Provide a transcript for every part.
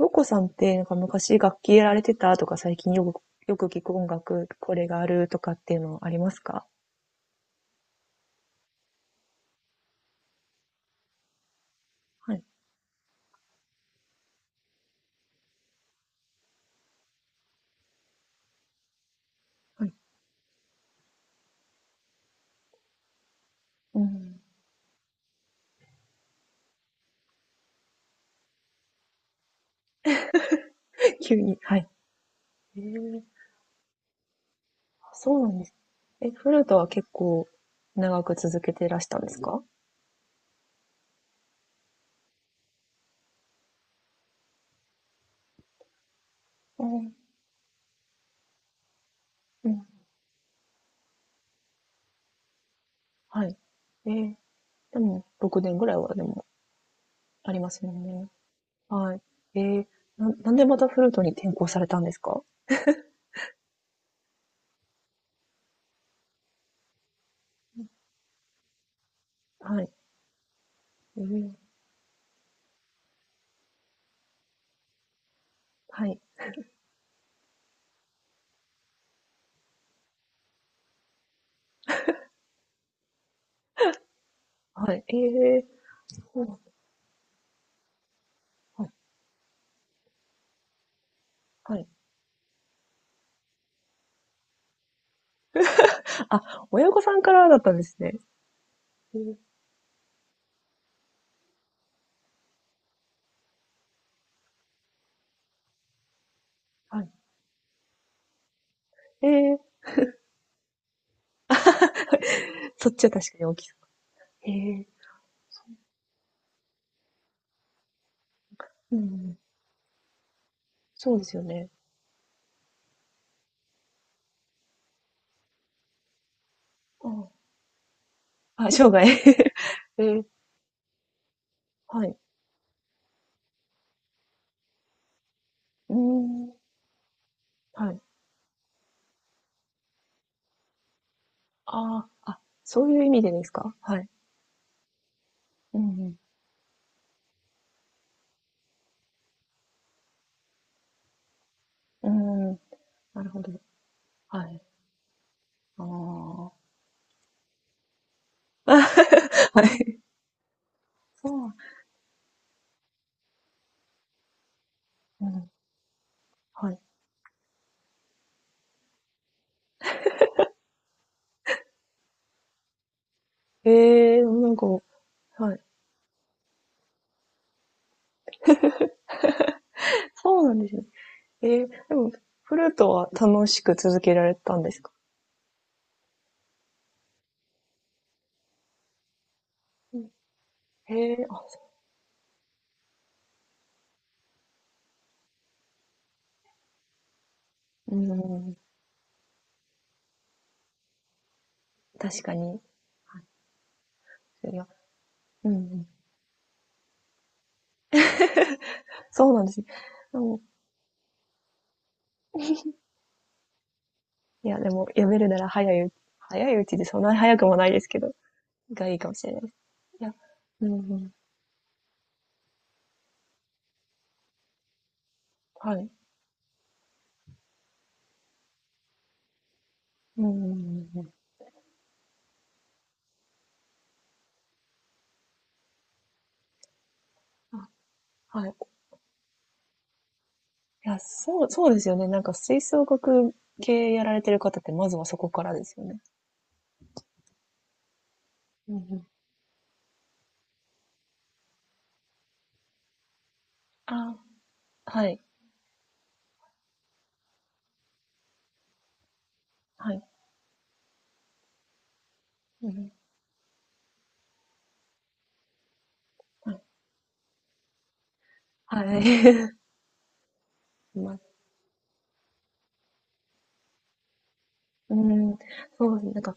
洋子さんって、なんか昔楽器やられてたとか、最近よく聞く音楽、これがあるとかっていうのありますか？はい、はい。うん。急に、はい。えー、あ、そうなんです。え、フルートは結構長く続けてらしたんですか？うん、うん、はい。えー、でも、6年ぐらいはでもありますよね。はい。えー、なんでまたフルートに転校されたんですか？はい。えー、はい。はい。えー、そうなんだ。はい。はい。あ、親御さんからだったんですね。えー、はい。ええ、そっちは確かに大きそう。へえー、うんうん。そうですよね。うん。あ、生涯。ええ、はい。うーん、はい。ああ、あ、そういう意味でですか？はい。うんうん。うーん、なるほど。はい。ああ。はい。そうなん、うん、はい。ええ、なんか、はい。そうなんですね。ええ、でも、フルートは楽しく続けられたんですか？うん。へえ、あ、そう。うん。確かに。ですよ。うんうん。そうなんですね。うん。いや、でも、やめるなら早いうちでそんなに早くもないですけど、がいいかもしれないです。いや、うんうん。はい。うんうんうんうん。あ、はい。いや、そうそうですよね。なんか吹奏楽系やられてる方って、まずはそこからですよね。うんうん。ああ、はい、はい。うんうん。はい。はい。ま、うん、そうですね。なんか、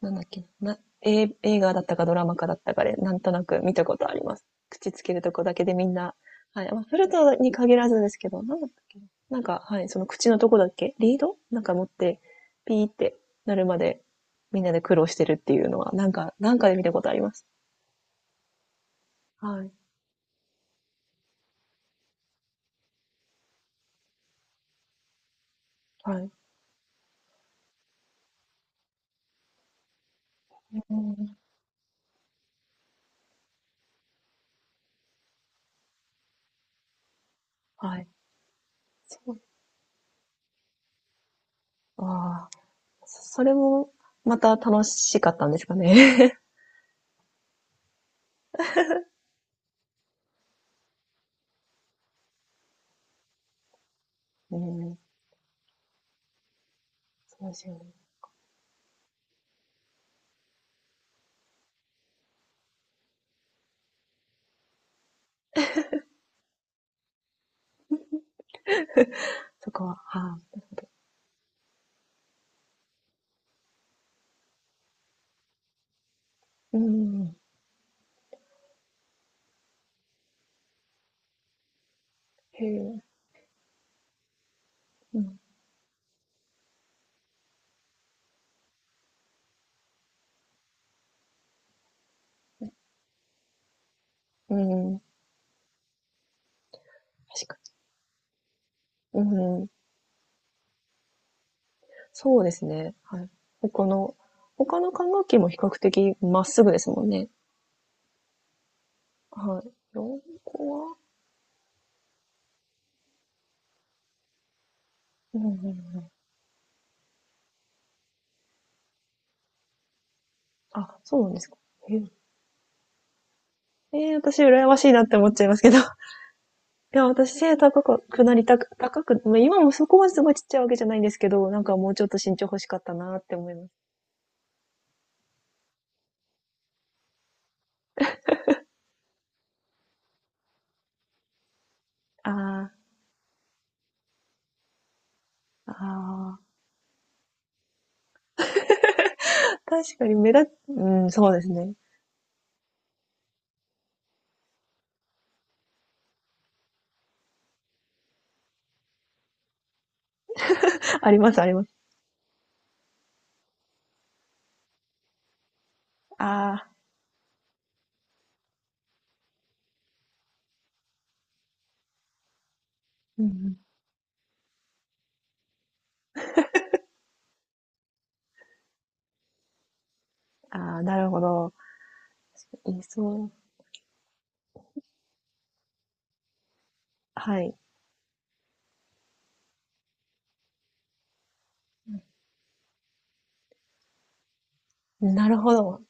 なんだっけな、え、映画だったかドラマかだったかで、なんとなく見たことあります。口つけるとこだけでみんな、はい。まあ、フルトに限らずですけど、なんだったっけな。なんか、はい、その口のとこだっけリードなんか持って、ピーってなるまで、みんなで苦労してるっていうのは、なんか、なんかで見たことあります。はい。はい。うん。はい。そう。ああ、それも、また楽しかったんですかね。うん。そうですよね。そこは、はい。うん。へえ、うん、うんうん、確かに。うんうん、そうですね、はい。他の他の管楽器も比較的まっすぐですもんね。はい。四個はうんうんうん。あ、そうなんですか。へえ、ええ、私羨ましいなって思っちゃいますけど。いや、私背高くなりたく高くまあ、今もそこまですごいちっちゃいわけじゃないんですけど、なんかもうちょっと身長欲しかったなって思います。ああ、ああ、確かに目立っ、うん、そうですね。ありますあります。ああ、うんうん。ああ、なるほど。そう。はい。なるほど。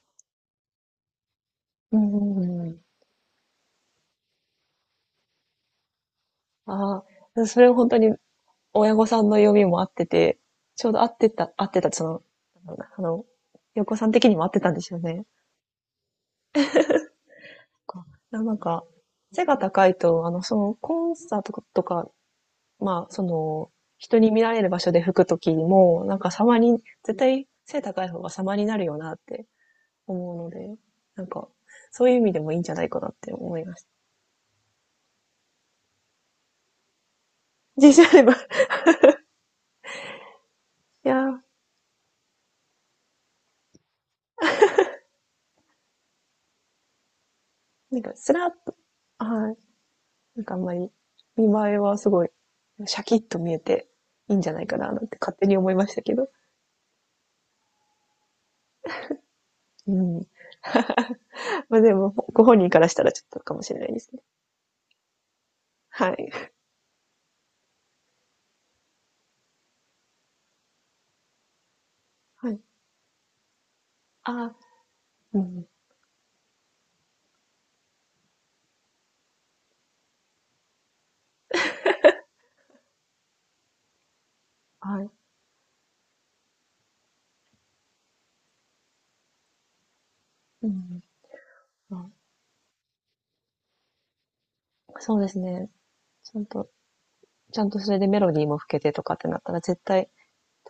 うんうんうん。ああ、それは本当に親御さんの読みも合ってて、ちょうど合ってた、合ってた、その、なんだろうな、あの、横さん的にも合ってたんですよね。かなんか、背が高いと、あの、その、コンサートとか、まあ、その、人に見られる場所で吹くときにも、なんか様に、絶対背高い方が様になるよなって思うので、なんか、そういう意味でもいいんじゃないかなって思いました。自信あれば。いやー、なんか、スラッと、はい。なんかあんまり、見栄えはすごい、シャキッと見えて、いいんじゃないかな、なんて勝手に思いましたけど。うん。まあ、でも、ご本人からしたらちょっとかもしれないですね。はい。はい。あー、うん。はい。うん。あ、そうですね。ちゃんと、ちゃんとそれでメロディーも吹けてとかってなったら絶対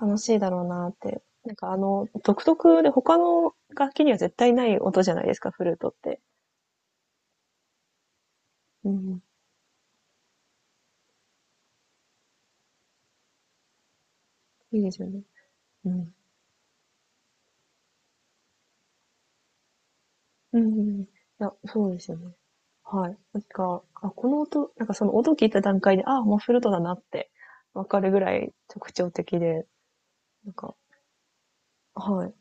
楽しいだろうなって。なんかあの、独特で他の楽器には絶対ない音じゃないですか、フルートって。うん。いいですよね。うん。うん、いや、そうですよね。はい。なんか、あ、この音、なんかその音聞いた段階で、あ、もうフルートだなってわかるぐらい特徴的で、なんか、はい。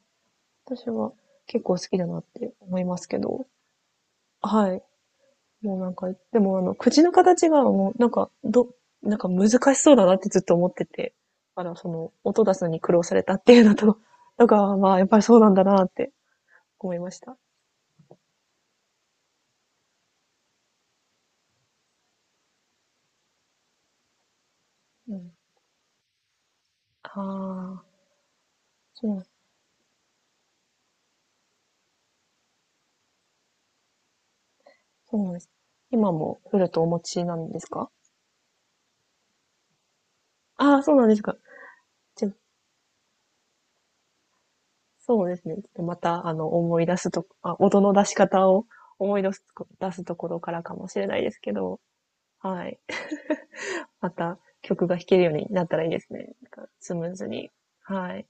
私は結構好きだなって思いますけど、はい。もうなんか、でもあの、口の形がもう、なんか、なんか難しそうだなってずっと思ってて、あら、その、音出すのに苦労されたっていうのと、とか、まあ、やっぱりそうなんだなって思いました。うん。ああ、そうそうなんです。今もフルートお持ちなんですか？ああー、そうなんですか。じゃ、そうですね。ちょっとまた、あの、思い出すと、あ、音の出し方を思い出すと、出すところからかもしれないですけど、はい。また曲が弾けるようになったらいいですね。なんかスムーズに。はい。